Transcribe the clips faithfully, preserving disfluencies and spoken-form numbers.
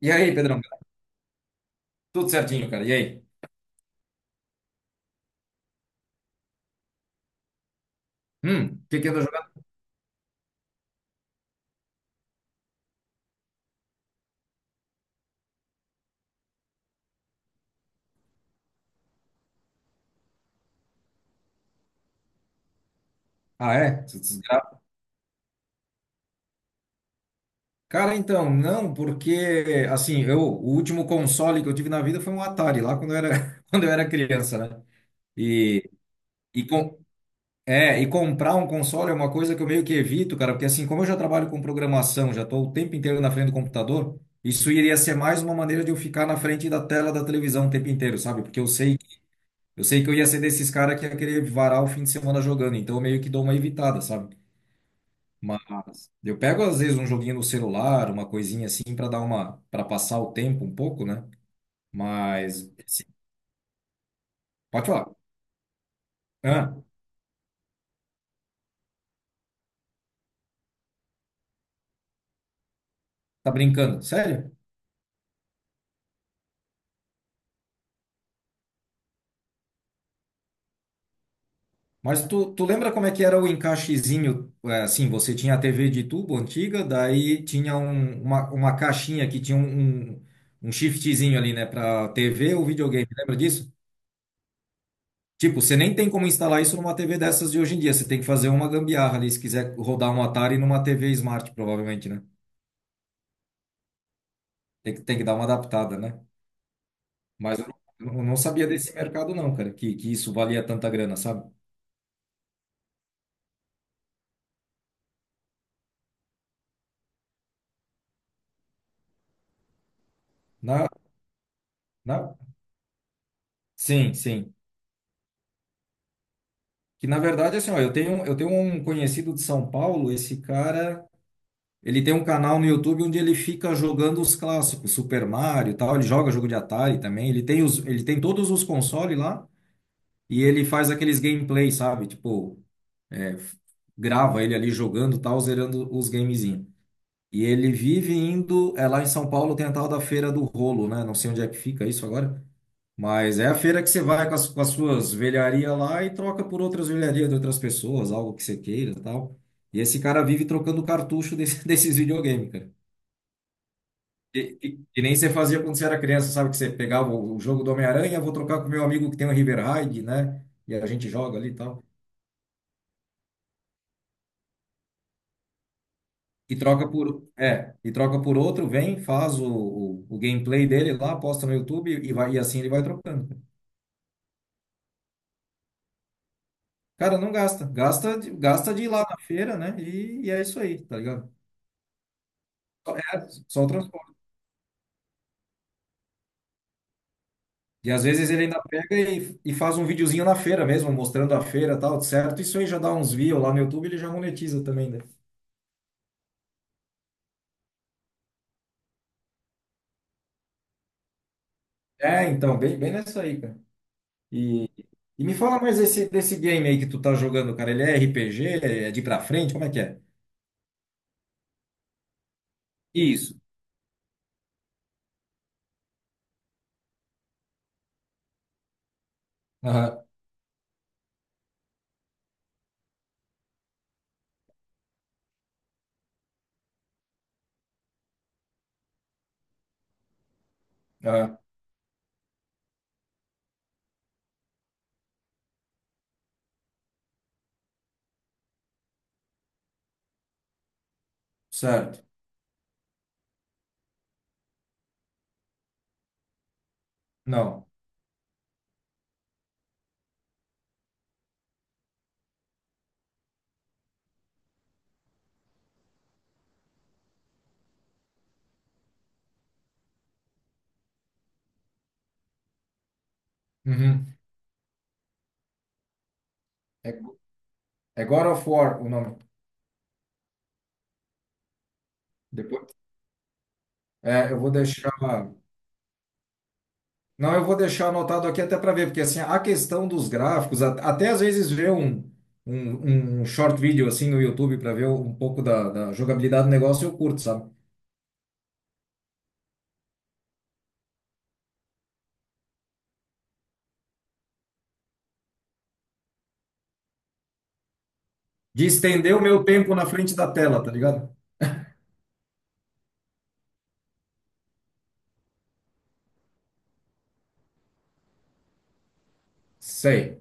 E aí, Pedrão? Tudo certinho, cara. E aí? Hum, o que que anda jogando? Ah, é? Essa desgraça. Cara, então, não, porque, assim, eu, o último console que eu tive na vida foi um Atari, lá quando eu era, quando eu era criança, né? E, e, com, é, e comprar um console é uma coisa que eu meio que evito, cara, porque, assim, como eu já trabalho com programação, já estou o tempo inteiro na frente do computador, isso iria ser mais uma maneira de eu ficar na frente da tela da televisão o tempo inteiro, sabe? Porque eu sei, eu sei que eu ia ser desses caras que ia querer varar o fim de semana jogando, então eu meio que dou uma evitada, sabe? Mas eu pego às vezes um joguinho no celular, uma coisinha assim para dar uma, para passar o tempo um pouco, né? Mas assim, pode falar. Ah, tá brincando? Sério? Mas tu, tu lembra como é que era o encaixezinho? É, assim, você tinha a tê vê de tubo antiga, daí tinha um- uma, uma caixinha que tinha um, um, um shiftzinho ali, né, para tê vê ou videogame. Lembra disso? Tipo, você nem tem como instalar isso numa tê vê dessas de hoje em dia. Você tem que fazer uma gambiarra ali se quiser rodar um Atari numa tê vê Smart, provavelmente, né? Tem que, tem que dar uma adaptada, né? Mas eu não, eu não sabia desse mercado, não, cara, que, que isso valia tanta grana, sabe? Na, na... Sim, sim. Que na verdade, assim, ó, eu tenho, eu tenho um conhecido de São Paulo, esse cara, ele tem um canal no YouTube onde ele fica jogando os clássicos, Super Mario e tal, ele joga jogo de Atari também, ele tem os, ele tem todos os consoles lá e ele faz aqueles gameplays, sabe? Tipo, é, grava ele ali jogando, e tal, zerando os gamezinhos. E ele vive indo, é lá em São Paulo, tem a tal da Feira do Rolo, né? Não sei onde é que fica isso agora, mas é a feira que você vai com as, com as suas velharias lá e troca por outras velharias de outras pessoas, algo que você queira e tal. E esse cara vive trocando cartucho desse- desses videogames, cara. E, e, e nem você fazia quando você era criança, sabe? Que você pegava o, o jogo do Homem-Aranha, vou trocar com meu amigo que tem um River Raid, né? E a gente joga ali e tal. E troca por, é, e troca por outro, vem, faz o, o, o gameplay dele lá, posta no YouTube e vai, e assim ele vai trocando. Cara, não gasta. Gasta, de- gasta de ir lá na feira, né? E, e é isso aí, tá ligado? Só- É só o transporte. E às vezes ele ainda pega e, e faz um videozinho na feira mesmo, mostrando a feira e tal, certo? Isso aí já dá uns views lá no YouTube, ele já monetiza também, né? É, então, bem, bem nessa aí, cara. E, e me fala mais desse, desse game aí que tu tá jogando, cara. Ele é erre pê gê? É de pra frente? Como é que é? Isso. Aham, aham, certo. Não. Uhum. É, é God of War o nome. Depois, é, eu vou deixar. Não, eu vou deixar anotado aqui até para ver, porque assim, a questão dos gráficos, a- até às vezes ver um, um, um short video assim no YouTube para ver um pouco da, da jogabilidade do negócio, eu curto, sabe? De estender o meu tempo na frente da tela, tá ligado? Sei.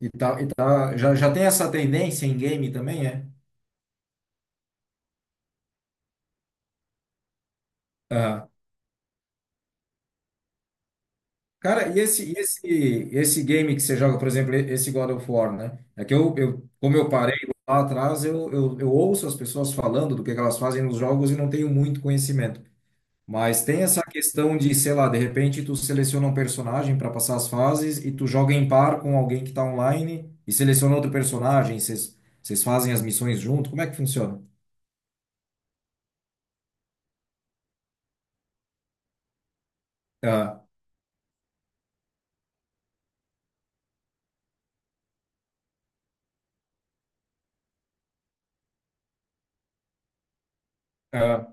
E tá, e tá, já, já tem essa tendência em game também, é? Ah, cara, e esse, e esse, esse game que você joga, por exemplo, e- esse God of War, né? É que eu, eu como eu parei lá atrás, eu, eu, eu ouço as pessoas falando do que que elas fazem nos jogos e não tenho muito conhecimento. Mas tem essa questão de, sei lá, de repente tu seleciona um personagem para passar as fases e tu joga em par com alguém que tá online e seleciona outro personagem, vocês vocês fazem as missões junto, como é que funciona? Ah, ah,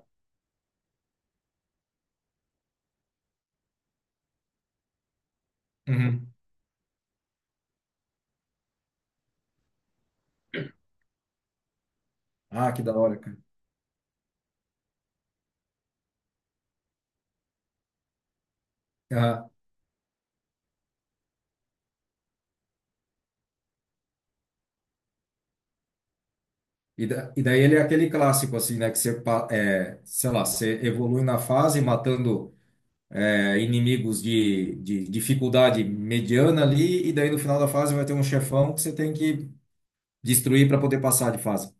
uhum. Ah, que da hora, cara. Ah, e, da, e daí ele é aquele clássico, assim, né, que você, pa- é, sei lá, você evolui na fase matando é, inimigos de, de dificuldade mediana ali e daí no final da fase vai ter um chefão que você tem que destruir para poder passar de fase.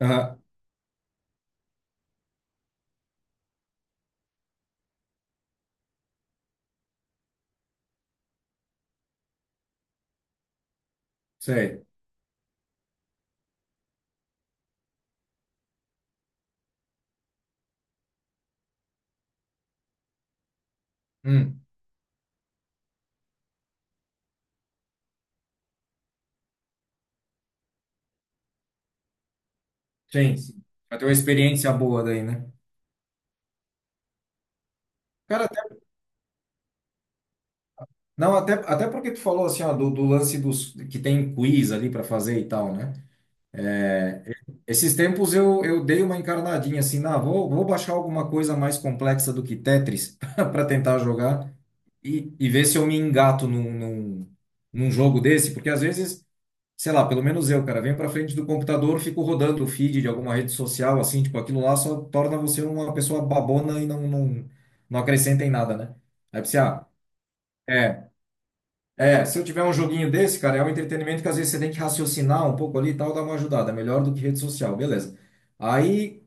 Ah, sei. Hum, sim. Assim, vai ter uma experiência boa daí, né? Cara, até, não, até, até porque tu falou assim, ó, do, do lance dos que tem quiz ali para fazer e tal, né? É, esses tempos eu, eu dei uma encarnadinha assim, na vou, vou baixar alguma coisa mais complexa do que Tetris para tentar jogar e, e ver se eu me engato num, num, num jogo desse, porque às vezes sei lá, pelo menos eu, cara, venho pra frente do computador, fico rodando o feed de alguma rede social, assim, tipo, aquilo lá só torna você uma pessoa babona e não, não, não acrescenta em nada, né? Aí você, ah, é, é, se eu tiver um joguinho desse, cara, é um entretenimento que às vezes você tem que raciocinar um pouco ali e tal, dá uma ajudada, melhor do que rede social, beleza. Aí,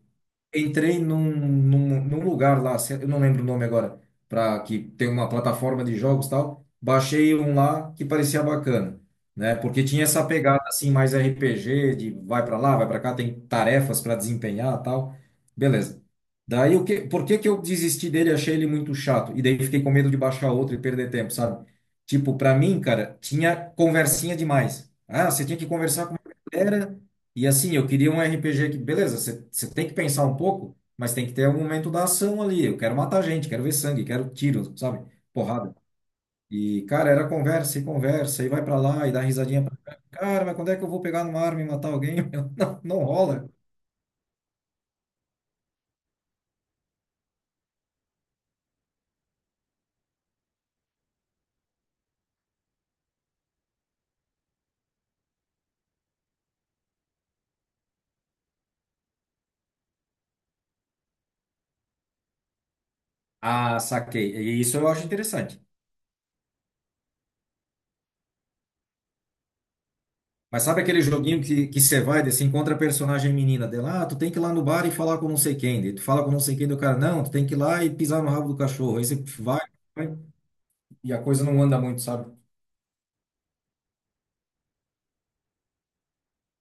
entrei num, num, num lugar lá, se- eu não lembro o nome agora, para que tem uma plataforma de jogos e tal. Baixei um lá que parecia bacana, né? Porque tinha essa pegada assim mais erre pê gê de vai para lá, vai para cá, tem tarefas para desempenhar, e tal. Beleza. Daí o que, por que que eu desisti dele, achei ele muito chato e daí fiquei com medo de baixar outro e perder tempo, sabe? Tipo, para mim, cara, tinha conversinha demais. Ah, você tinha que conversar com uma galera e assim, eu queria um erre pê gê que, beleza, você você tem que pensar um pouco, mas tem que ter um momento da ação ali. Eu quero matar gente, quero ver sangue, quero tiro, sabe? Porrada. E, cara, era conversa e conversa, e vai pra lá e dá risadinha pra cá. Cara, mas quando é que eu vou pegar numa arma e matar alguém? Meu, não, não rola. Ah, saquei. E isso eu acho interessante. Mas sabe aquele joguinho que, que você vai, daí você encontra a personagem menina dela, ah, tu tem que ir lá no bar e falar com não sei quem. Daí tu fala com não sei quem do cara, não, tu tem que ir lá e pisar no rabo do cachorro. Aí você vai, vai, e a coisa não anda muito, sabe?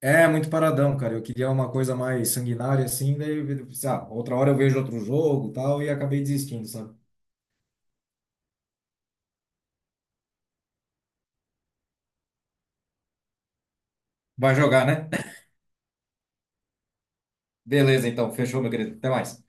É muito paradão, cara. Eu queria uma coisa mais sanguinária assim, daí eu pensei, ah, outra hora eu vejo outro jogo, e tal, e acabei desistindo, sabe? Vai jogar, né? Beleza, então, fechou, meu querido. Até mais.